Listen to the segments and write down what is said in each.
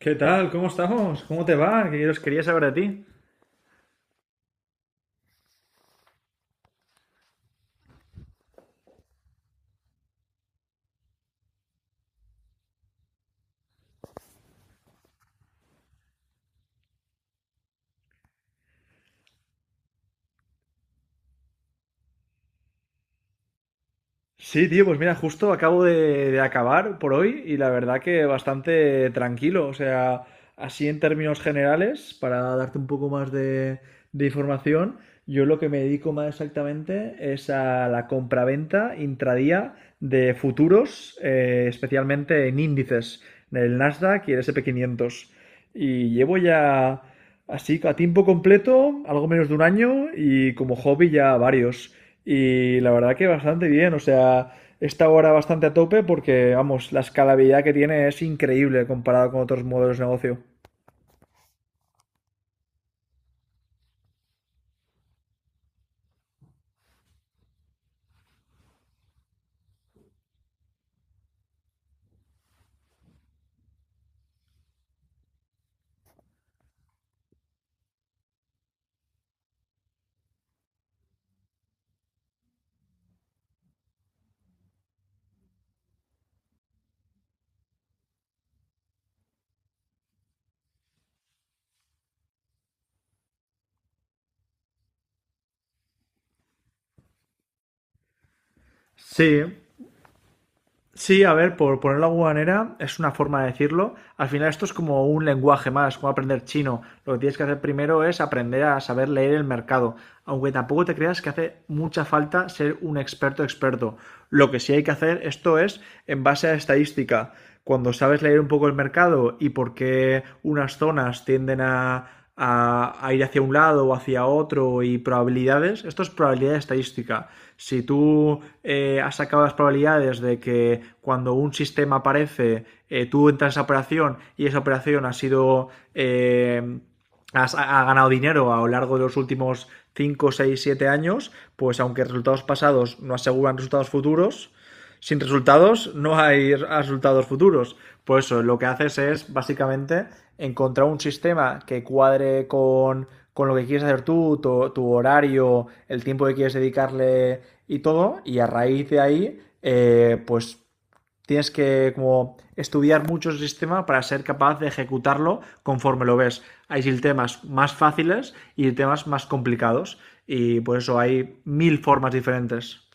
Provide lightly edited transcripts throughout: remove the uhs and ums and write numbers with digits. ¿Qué tal? ¿Cómo estamos? ¿Cómo te va? Que yo os quería saber de ti. Sí, tío, pues mira, justo acabo de acabar por hoy y la verdad que bastante tranquilo. O sea, así en términos generales, para darte un poco más de información, yo lo que me dedico más exactamente es a la compraventa intradía de futuros, especialmente en índices, en el Nasdaq y el S&P 500. Y llevo ya así a tiempo completo, algo menos de un año y como hobby ya varios. Y la verdad que bastante bien, o sea, está ahora bastante a tope porque, vamos, la escalabilidad que tiene es increíble comparado con otros modelos de negocio. Sí, Sí, a ver, por ponerlo de alguna manera, es una forma de decirlo. Al final esto es como un lenguaje más, como aprender chino. Lo que tienes que hacer primero es aprender a saber leer el mercado, aunque tampoco te creas que hace mucha falta ser un experto experto. Lo que sí hay que hacer esto es en base a estadística. Cuando sabes leer un poco el mercado y por qué unas zonas tienden a ir hacia un lado o hacia otro y probabilidades. Esto es probabilidad estadística. Si tú has sacado las probabilidades de que cuando un sistema aparece, tú entras a esa operación y esa operación ha sido... Ha ganado dinero a lo largo de los últimos 5 6 7 años, pues aunque resultados pasados no aseguran resultados futuros, sin resultados no hay resultados futuros. Por eso lo que haces es básicamente encontrar un sistema que cuadre con lo que quieres hacer tú, tu horario, el tiempo que quieres dedicarle y todo, y a raíz de ahí, pues tienes que como estudiar mucho el sistema para ser capaz de ejecutarlo conforme lo ves. Hay sistemas más fáciles y temas más complicados. Y por eso hay mil formas diferentes.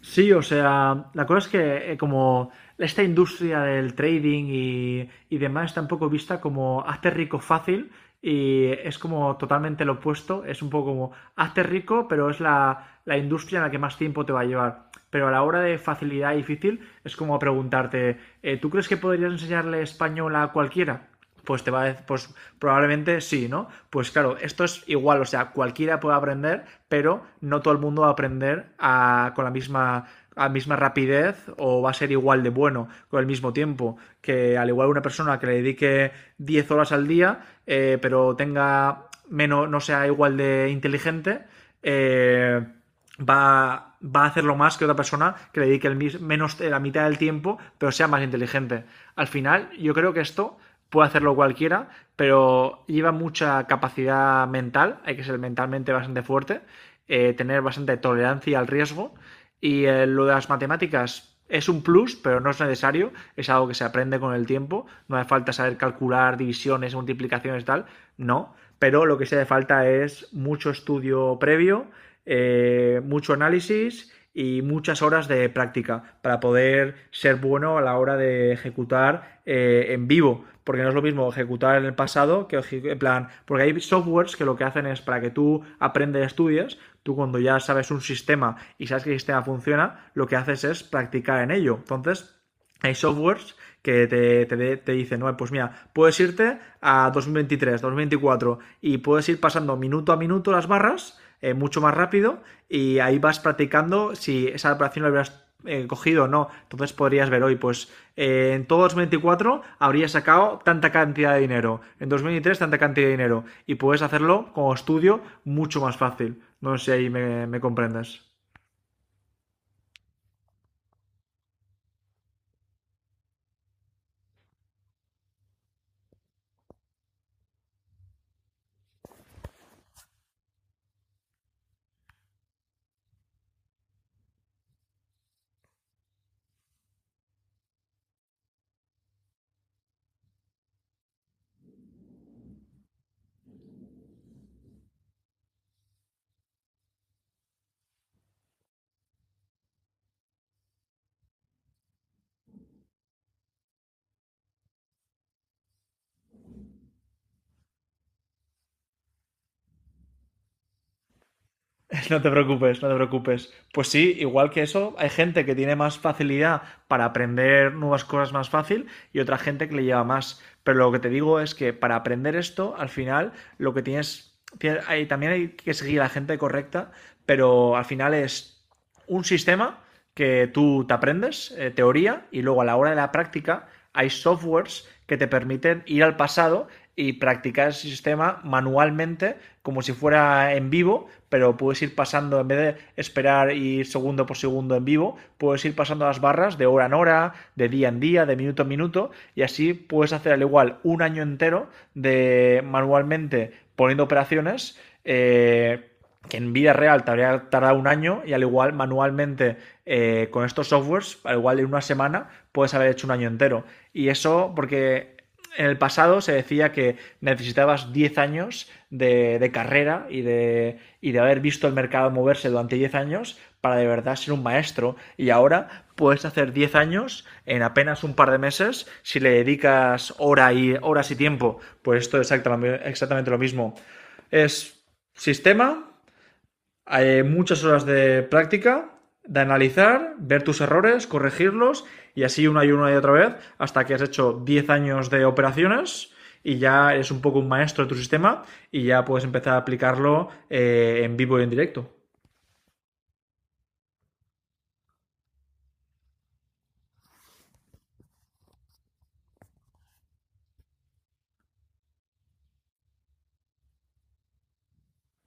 Sí, o sea, la cosa es que como esta industria del trading y demás está un poco vista como hazte rico fácil y es como totalmente lo opuesto, es un poco como hazte rico, pero es la industria en la que más tiempo te va a llevar. Pero a la hora de facilidad y difícil es como preguntarte, ¿tú crees que podrías enseñarle español a cualquiera? Pues te va a decir, pues probablemente sí, ¿no? Pues claro, esto es igual, o sea, cualquiera puede aprender, pero no todo el mundo va a aprender a, con la misma, a misma rapidez o va a ser igual de bueno con el mismo tiempo. Que al igual una persona que le dedique 10 horas al día, pero tenga menos, no sea igual de inteligente, eh, va a hacerlo más que otra persona que le dedique el menos la mitad del tiempo, pero sea más inteligente. Al final, yo creo que esto puede hacerlo cualquiera, pero lleva mucha capacidad mental, hay que ser mentalmente bastante fuerte, tener bastante tolerancia al riesgo y lo de las matemáticas es un plus, pero no es necesario, es algo que se aprende con el tiempo, no hace falta saber calcular divisiones, multiplicaciones y tal, no, pero lo que sí hace falta es mucho estudio previo mucho análisis y muchas horas de práctica para poder ser bueno a la hora de ejecutar en vivo. Porque no es lo mismo ejecutar en el pasado que en plan. Porque hay softwares que lo que hacen es para que tú aprendes, estudias tú, cuando ya sabes un sistema y sabes que el sistema funciona, lo que haces es practicar en ello. Entonces, hay softwares que te dicen, no, pues mira, puedes irte a 2023, 2024 y puedes ir pasando minuto a minuto las barras mucho más rápido y ahí vas practicando si esa operación la hubieras cogido o no. Entonces podrías ver hoy, pues en todo 2024 habría sacado tanta cantidad de dinero, en 2023 tanta cantidad de dinero y puedes hacerlo como estudio mucho más fácil. No sé si ahí me comprendes. No te preocupes, no te preocupes. Pues sí, igual que eso, hay gente que tiene más facilidad para aprender nuevas cosas más fácil y otra gente que le lleva más. Pero lo que te digo es que para aprender esto, al final, lo que también hay que seguir a la gente correcta, pero al final es un sistema que tú te aprendes, teoría, y luego a la hora de la práctica hay softwares que te permiten ir al pasado y practicar ese sistema manualmente como si fuera en vivo, pero puedes ir pasando, en vez de esperar y ir segundo por segundo en vivo, puedes ir pasando las barras de hora en hora, de día en día, de minuto en minuto, y así puedes hacer al igual un año entero de manualmente poniendo operaciones. Eh, que en vida real te habría tardado un año y al igual manualmente con estos softwares, al igual en una semana puedes haber hecho un año entero. Y eso porque en el pasado se decía que necesitabas 10 años de carrera y de haber visto el mercado moverse durante 10 años para de verdad ser un maestro. Y ahora puedes hacer 10 años en apenas un par de meses si le dedicas horas y tiempo. Pues esto es exactamente, exactamente lo mismo. Es sistema, muchas horas de práctica, de analizar, ver tus errores, corregirlos y así una y otra vez hasta que has hecho 10 años de operaciones y ya eres un poco un maestro de tu sistema y ya puedes empezar a aplicarlo en vivo y en directo.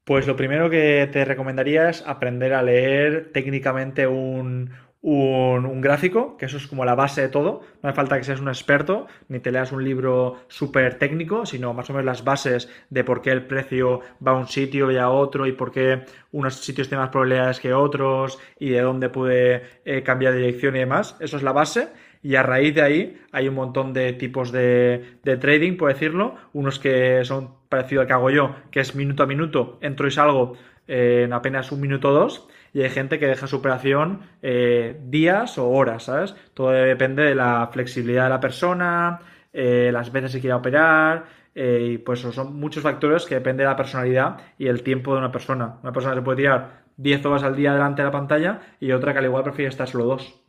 Pues lo primero que te recomendaría es aprender a leer técnicamente un gráfico, que eso es como la base de todo. No hace falta que seas un experto ni te leas un libro súper técnico, sino más o menos las bases de por qué el precio va a un sitio y a otro y por qué unos sitios tienen más probabilidades que otros y de dónde puede cambiar de dirección y demás. Eso es la base. Y a raíz de ahí hay un montón de tipos de trading, por decirlo. Unos que son parecido al que hago yo, que es minuto a minuto, entro y salgo en apenas un minuto o dos, y hay gente que deja su operación días o horas, ¿sabes? Todo depende de la flexibilidad de la persona, las veces que quiera operar, y pues son muchos factores que depende de la personalidad y el tiempo de una persona. Una persona se puede tirar 10 horas al día delante de la pantalla y otra que al igual prefiere estar solo dos.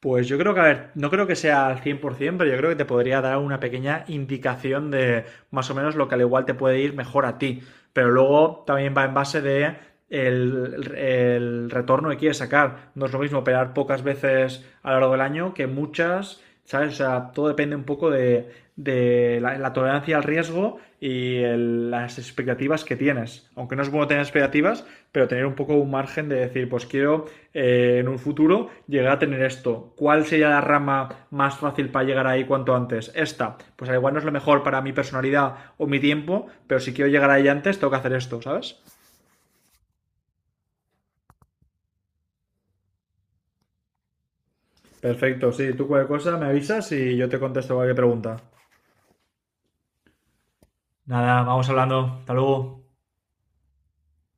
Pues yo creo que, a ver, no creo que sea al 100%, pero yo creo que te podría dar una pequeña indicación de más o menos lo que al igual te puede ir mejor a ti. Pero luego también va en base de el retorno que quieres sacar. No es lo mismo operar pocas veces a lo largo del año que muchas. ¿Sabes? O sea, todo depende un poco de la tolerancia al riesgo y las expectativas que tienes. Aunque no es bueno tener expectativas, pero tener un poco un margen de decir, pues quiero en un futuro llegar a tener esto. ¿Cuál sería la rama más fácil para llegar ahí cuanto antes? Esta. Pues al igual no es lo mejor para mi personalidad o mi tiempo, pero si quiero llegar ahí antes, tengo que hacer esto, ¿sabes? Perfecto, sí, tú cualquier cosa me avisas y yo te contesto cualquier pregunta. Nada, vamos hablando. Hasta luego.